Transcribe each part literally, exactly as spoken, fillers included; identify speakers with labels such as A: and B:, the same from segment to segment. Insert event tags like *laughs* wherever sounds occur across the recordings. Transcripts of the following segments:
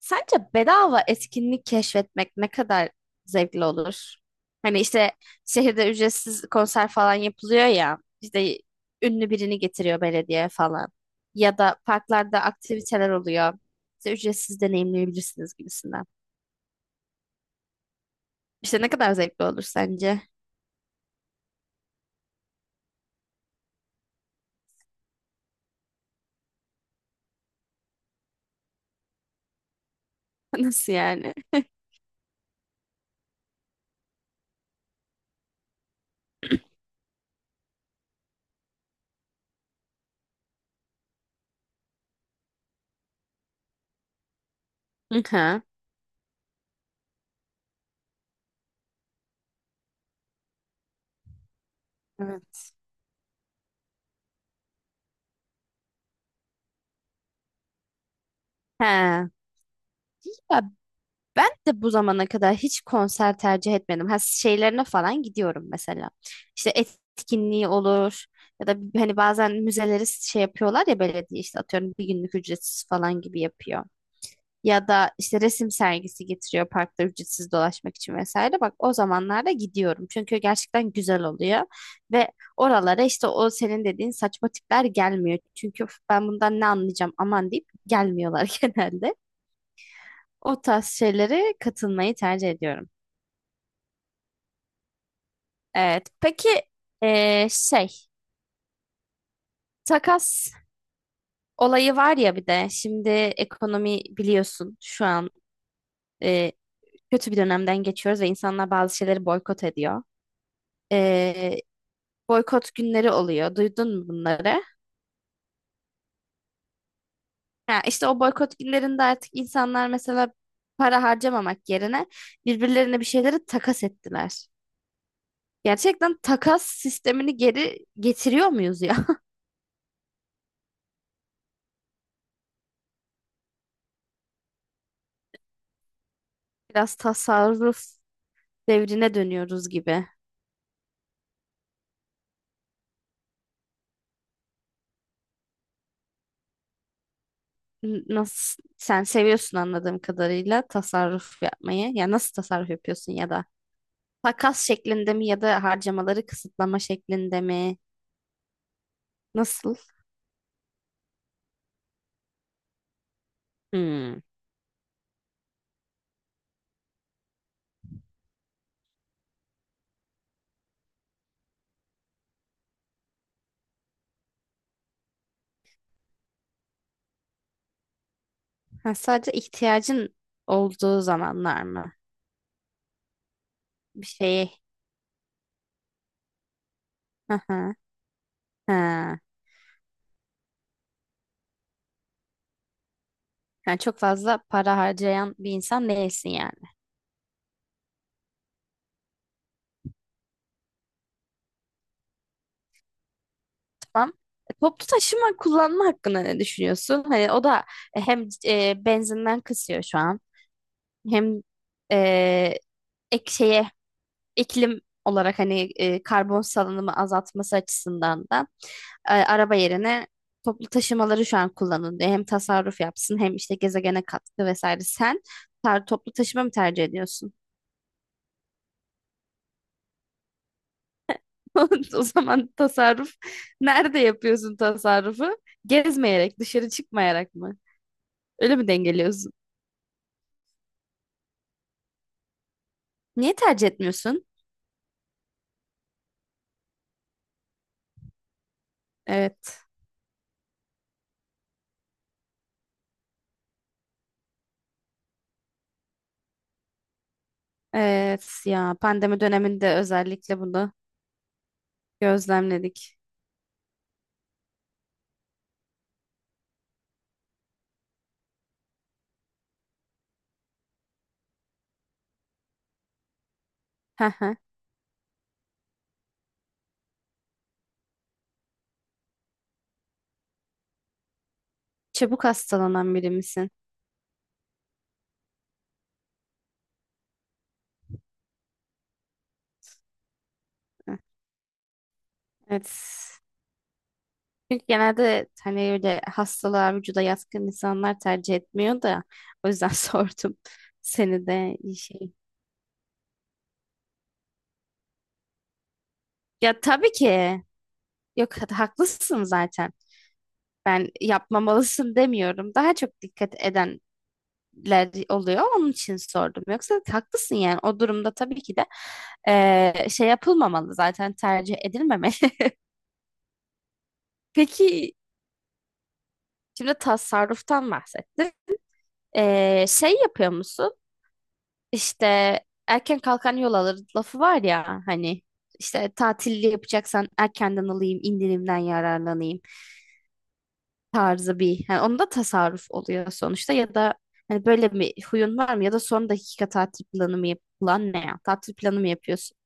A: Sence bedava etkinlik keşfetmek ne kadar zevkli olur? Hani işte şehirde ücretsiz konser falan yapılıyor ya, işte ünlü birini getiriyor belediye falan. Ya da parklarda aktiviteler oluyor. İşte ücretsiz deneyimleyebilirsiniz gibisinden. İşte ne kadar zevkli olur sence? *laughs* Nasıl yani? Hı hı. Evet. He. Ya ben de bu zamana kadar hiç konser tercih etmedim. Ha şeylerine falan gidiyorum mesela. İşte etkinliği olur ya da hani bazen müzeleri şey yapıyorlar ya belediye işte atıyorum bir günlük ücretsiz falan gibi yapıyor. Ya da işte resim sergisi getiriyor parkta ücretsiz dolaşmak için vesaire. Bak o zamanlarda gidiyorum. Çünkü gerçekten güzel oluyor. Ve oralara işte o senin dediğin saçma tipler gelmiyor. Çünkü "Üf, ben bundan ne anlayacağım aman deyip gelmiyorlar *laughs* genelde. O tarz şeylere katılmayı tercih ediyorum. Evet. Peki eee, şey takas olayı var ya bir de şimdi ekonomi biliyorsun şu an eee, kötü bir dönemden geçiyoruz ve insanlar bazı şeyleri boykot ediyor. Eee, boykot günleri oluyor. Duydun mu bunları? Ha, işte o boykot günlerinde artık insanlar mesela para harcamamak yerine birbirlerine bir şeyleri takas ettiler. Gerçekten takas sistemini geri getiriyor muyuz ya? *laughs* Biraz tasarruf devrine dönüyoruz gibi. N- Nasıl sen seviyorsun anladığım kadarıyla tasarruf yapmayı. Ya nasıl tasarruf yapıyorsun ya da takas şeklinde mi ya da harcamaları kısıtlama şeklinde mi? Nasıl? Hmm. Ha, sadece ihtiyacın olduğu zamanlar mı? Bir şeyi. Hı hı. Ha. Yani çok fazla para harcayan bir insan değilsin yani. Tamam. E, toplu taşıma kullanma hakkında ne düşünüyorsun? Hani o da hem e, benzinden kısıyor şu an. Hem e, ek şeye iklim olarak hani e, karbon salınımı azaltması açısından da e, araba yerine toplu taşımaları şu an kullanın diye hem tasarruf yapsın hem işte gezegene katkı vesaire. Sen tar- toplu taşıma mı tercih ediyorsun? *laughs* O zaman tasarruf nerede yapıyorsun tasarrufu? Gezmeyerek, dışarı çıkmayarak mı? Öyle mi dengeliyorsun? Niye tercih etmiyorsun? Evet. Evet ya pandemi döneminde özellikle bunu gözlemledik. Hı hı. Çabuk hastalanan biri misin? Hı. Evet. Çünkü genelde hani öyle hastalığa vücuda yatkın insanlar tercih etmiyor da o yüzden *laughs* sordum seni de iyi şey. Ya tabii ki. Yok ha- haklısın zaten. Ben yapmamalısın demiyorum. Daha çok dikkat edenler oluyor. Onun için sordum. Yoksa haklısın yani. O durumda tabii ki de eee, şey yapılmamalı zaten tercih edilmemeli. *laughs* Peki şimdi tasarruftan bahsettik. Ee, şey yapıyor musun? İşte erken kalkan yol alır lafı var ya hani işte tatilli yapacaksan erkenden alayım, indirimden yararlanayım tarzı bir. Yani onda tasarruf oluyor sonuçta ya da hani böyle bir huyun var mı ya da son dakika tatil planı mı yap plan ne ya? Tatil planı mı yapıyorsun?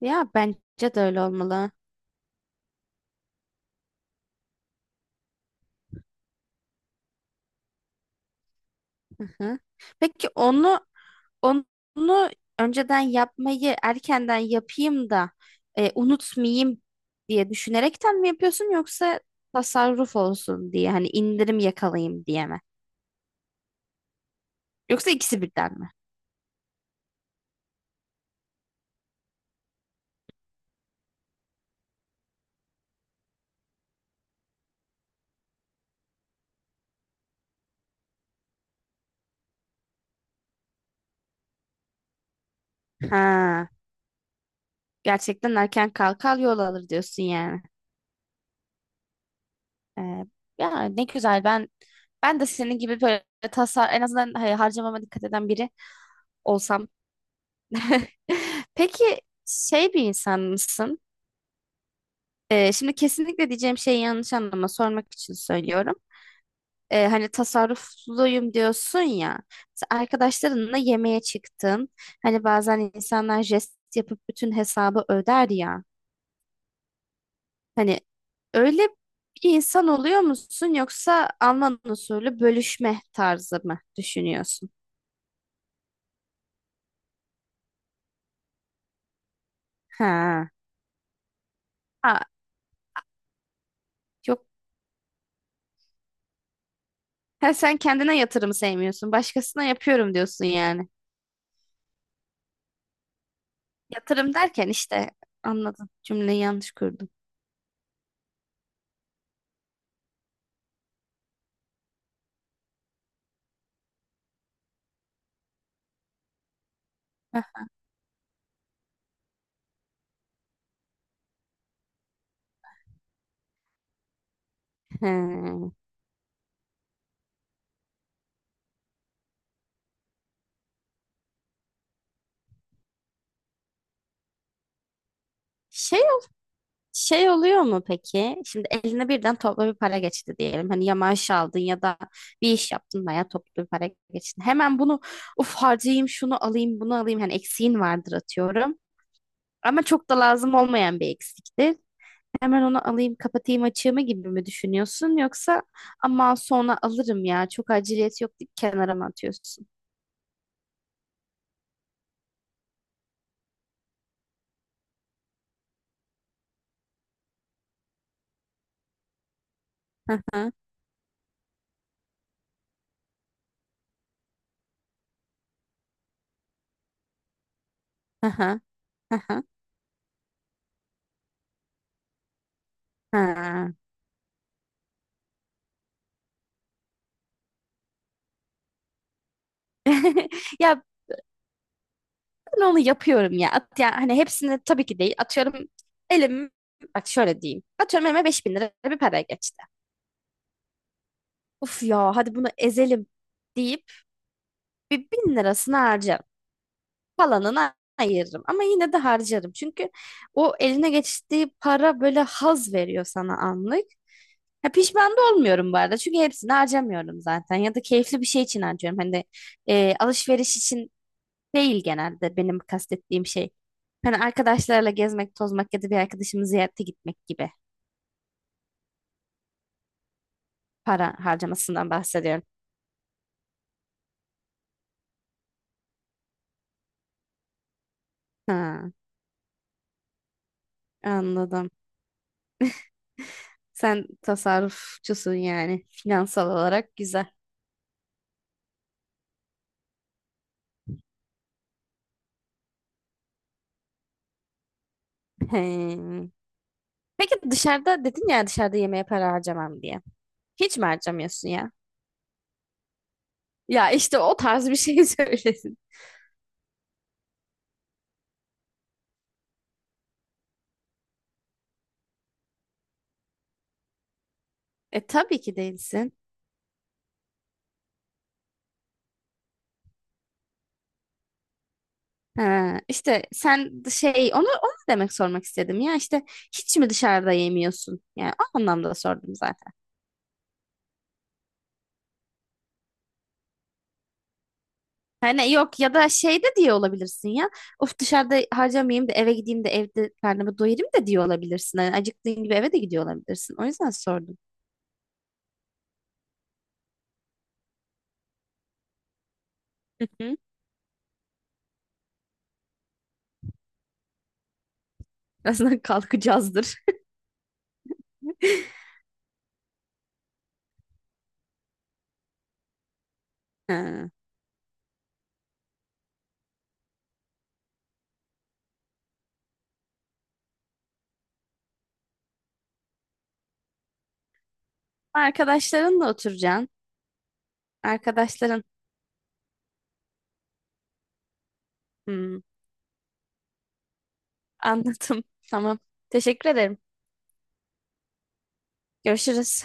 A: Ya bence de öyle olmalı. Hı hı. Peki onu Onu önceden yapmayı erkenden yapayım da e, unutmayayım diye düşünerekten mi yapıyorsun yoksa tasarruf olsun diye hani indirim yakalayayım diye mi? Yoksa ikisi birden mi? Ha, gerçekten erken kalkar yol alır diyorsun yani. E, ya ne güzel ben ben de senin gibi böyle tasar en azından hani harcamama dikkat eden biri olsam. *laughs* Peki şey bir insan mısın? Ee, şimdi kesinlikle diyeceğim şeyi yanlış anlama sormak için söylüyorum. Ee, hani tasarrufluyum diyorsun ya. Sen arkadaşlarınla yemeğe çıktın. Hani bazen insanlar jest yapıp bütün hesabı öder ya. Hani öyle bir insan oluyor musun yoksa Alman usulü bölüşme tarzı mı düşünüyorsun? Ha. Ha, yok. Ha, sen kendine yatırım sevmiyorsun. Başkasına yapıyorum diyorsun yani. Yatırım derken işte anladım. Cümleyi yanlış kurdum. Heh. He. Şey şey oluyor mu peki? Şimdi eline birden toplu bir para geçti diyelim. Hani ya maaş aldın ya da bir iş yaptın veya toplu bir para geçti. Hemen bunu uf harcayayım şunu alayım bunu alayım. Hani eksiğin vardır atıyorum. Ama çok da lazım olmayan bir eksiktir. Hemen onu alayım kapatayım açığımı gibi mi düşünüyorsun? Yoksa ama sonra alırım ya çok aciliyet yok deyip kenara mı atıyorsun? Hı hı, hı hı, hı hı, hı. *laughs* Ya ben onu yapıyorum ya. At, yani hani hepsini tabii ki değil. Atıyorum elim bak şöyle diyeyim. Atıyorum elime beş bin lira bir para geçti. Uf ya hadi bunu ezelim deyip bir bin lirasını harcarım. Falanını ayırırım ama yine de harcarım. Çünkü o eline geçtiği para böyle haz veriyor sana anlık. Ha, pişman da olmuyorum bu arada. Çünkü hepsini harcamıyorum zaten. Ya da keyifli bir şey için harcıyorum. Hani e, alışveriş için değil genelde benim kastettiğim şey. Hani arkadaşlarla gezmek, tozmak ya da bir arkadaşımı ziyarete gitmek gibi para harcamasından bahsediyorum. Ha, anladım. Sen tasarrufçusun yani finansal olarak güzel. He. Peki dışarıda dedin ya dışarıda yemeğe para harcamam diye. Hiç mi harcamıyorsun ya? Ya işte o tarz bir şey *laughs* söylesin. E tabii ki değilsin. Ha, işte sen şey onu onu demek sormak istedim ya işte hiç mi dışarıda yemiyorsun? Yani o anlamda sordum zaten. Hani yok ya da şey de diye olabilirsin ya. Of dışarıda harcamayayım da eve gideyim de evde karnımı doyurayım da diye olabilirsin. Hani acıktığın gibi eve de gidiyor olabilirsin. O yüzden sordum. *laughs* Birazdan kalkacağızdır. *laughs* Ha. Arkadaşlarınla oturacaksın. Arkadaşların. Hmm, anladım. *laughs* Tamam. Teşekkür ederim. Görüşürüz.